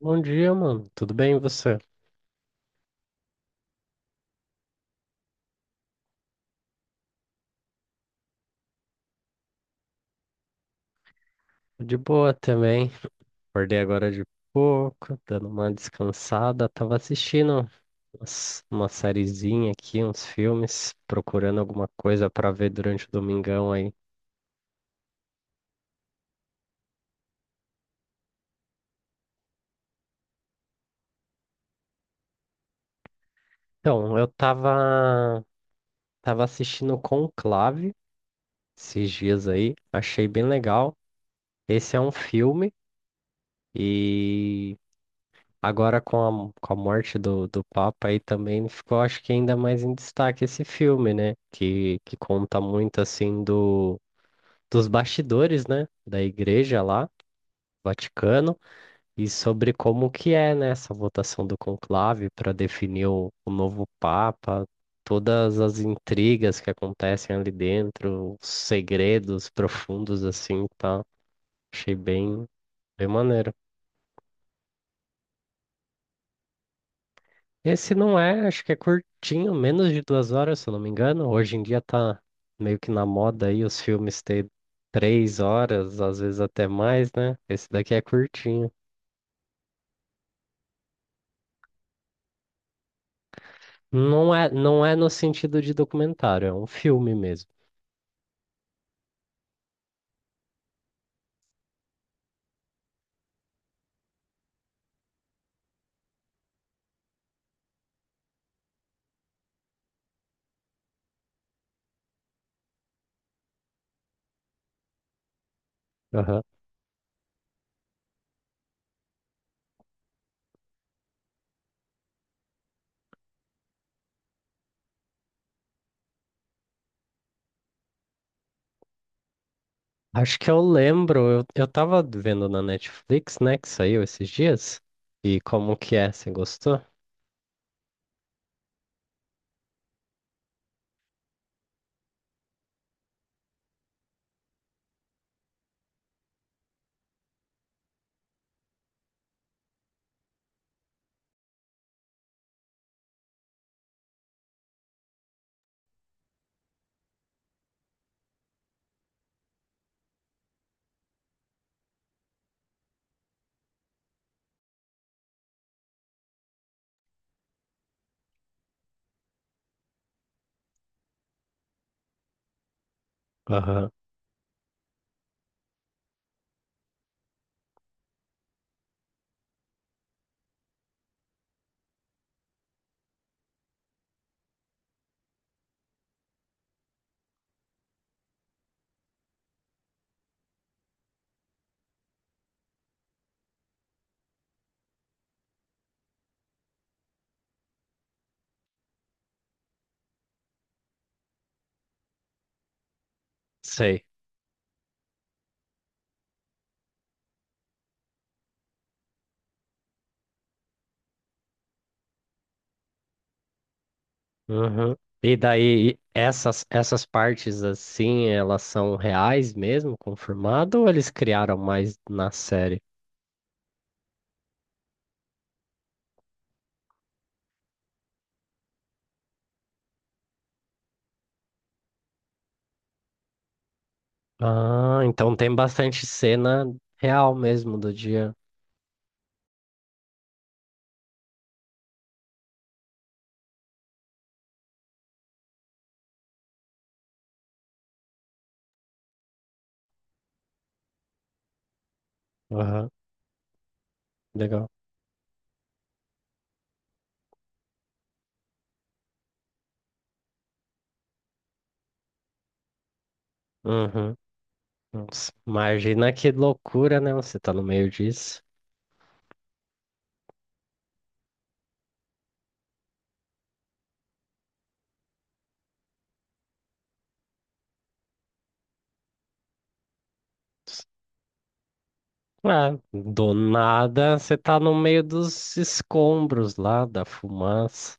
Bom dia, mano. Tudo bem e você? De boa também. Acordei agora de pouco, dando uma descansada. Tava assistindo uma sériezinha aqui, uns filmes, procurando alguma coisa pra ver durante o domingão aí. Então, tava assistindo Conclave esses dias aí. Achei bem legal. Esse é um filme e agora, com a morte do Papa aí também ficou, acho que ainda mais em destaque esse filme, né? Que conta muito, assim, do, dos bastidores, né? Da igreja lá, Vaticano, e sobre como que é, né? Essa votação do conclave para definir o novo Papa, todas as intrigas que acontecem ali dentro, os segredos profundos, assim, tá? Achei bem maneiro. Esse não é, acho que é curtinho, menos de 2 horas, se eu não me engano. Hoje em dia tá meio que na moda aí os filmes ter 3 horas, às vezes até mais, né? Esse daqui é curtinho. Não é, não é no sentido de documentário, é um filme mesmo. Aham. Acho que eu lembro, eu tava vendo na Netflix, né, que saiu esses dias. E como que é? Você gostou? Aham. Sei. Uhum. E daí, essas partes assim, elas são reais mesmo, confirmado, ou eles criaram mais na série? Ah, então tem bastante cena real mesmo do dia. Aham, legal. Uhum. Nossa, imagina que loucura, né? Você tá no meio disso. Ah, do nada, você tá no meio dos escombros lá, da fumaça.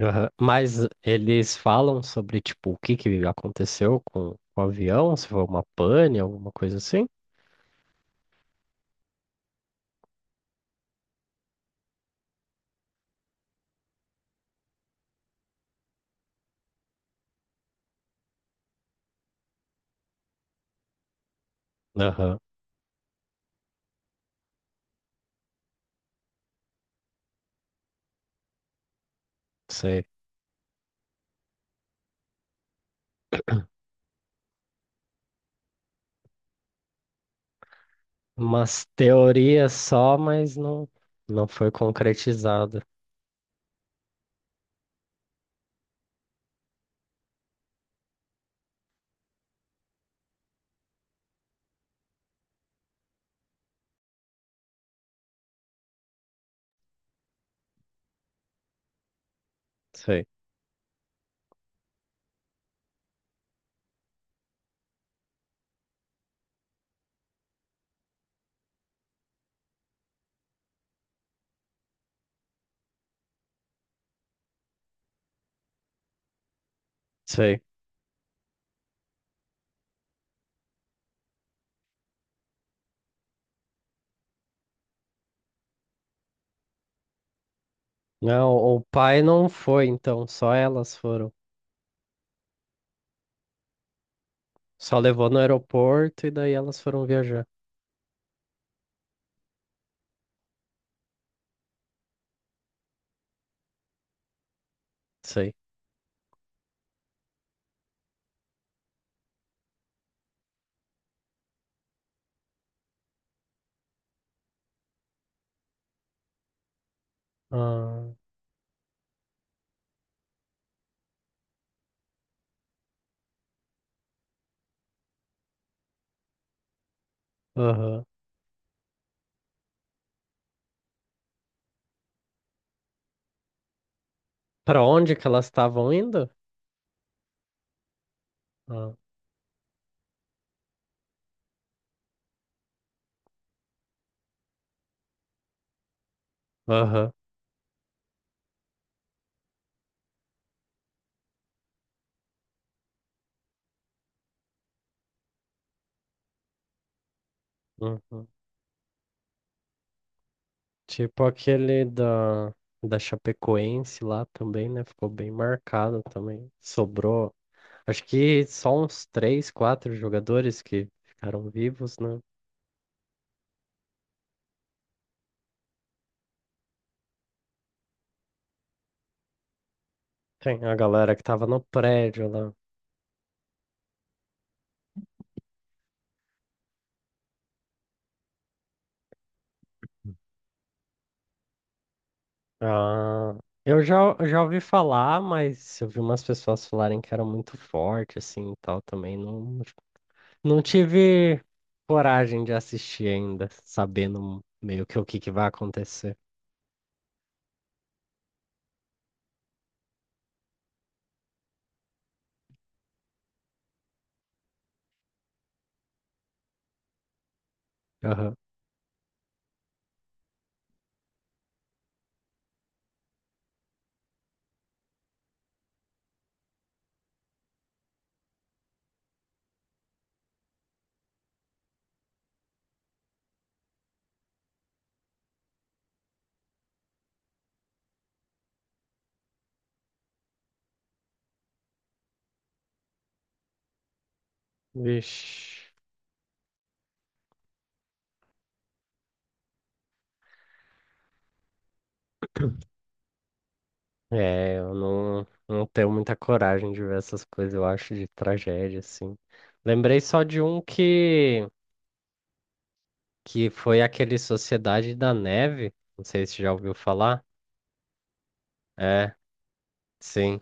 Aham. Mas eles falam sobre, tipo, o que que aconteceu com o avião, se foi uma pane, alguma coisa assim? Aham, sei. Umas teorias só, mas não, não foi concretizada. Sei, sei. Não, o pai não foi, então, só elas foram. Só levou no aeroporto e daí elas foram viajar. Sei. Ah, aham. Pra onde que elas estavam indo? Ah, aham. Uhum. Tipo aquele da Chapecoense lá também, né? Ficou bem marcado também. Sobrou, acho que só uns 3, 4 jogadores que ficaram vivos, né? Tem a galera que tava no prédio lá. Ah, eu já ouvi falar, mas eu vi umas pessoas falarem que era muito forte, assim, e tal, também. Não, não tive coragem de assistir ainda, sabendo meio que o que que vai acontecer. Aham. Vixe. É, eu não, não tenho muita coragem de ver essas coisas, eu acho, de tragédia, assim. Lembrei só de que foi aquele Sociedade da Neve, não sei se já ouviu falar. É, sim,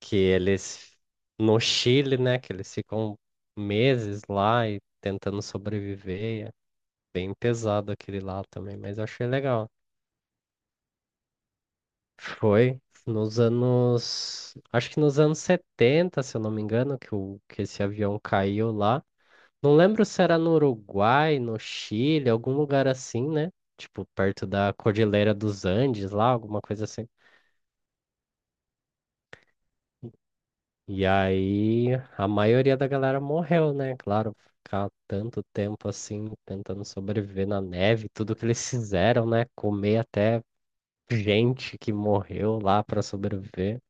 que eles, no Chile, né, que eles ficam meses lá e tentando sobreviver, é bem pesado aquele lá também, mas eu achei legal. Foi nos anos, acho que nos anos 70, se eu não me engano, que, o, que esse avião caiu lá. Não lembro se era no Uruguai, no Chile, algum lugar assim, né? Tipo, perto da Cordilheira dos Andes lá, alguma coisa assim. E aí, a maioria da galera morreu, né? Claro, ficar tanto tempo assim, tentando sobreviver na neve, tudo que eles fizeram, né? Comer até gente que morreu lá para sobreviver,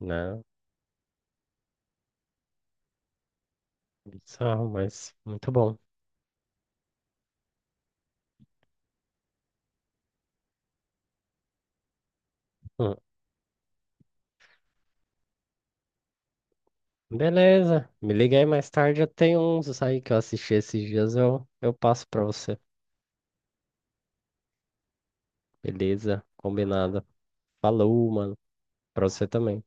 né? Bizarro, mas muito bom. Hum. Beleza, me liga aí mais tarde, eu tenho uns aí que eu assisti esses dias, eu passo para você. Beleza, combinado. Falou, mano. Pra você também.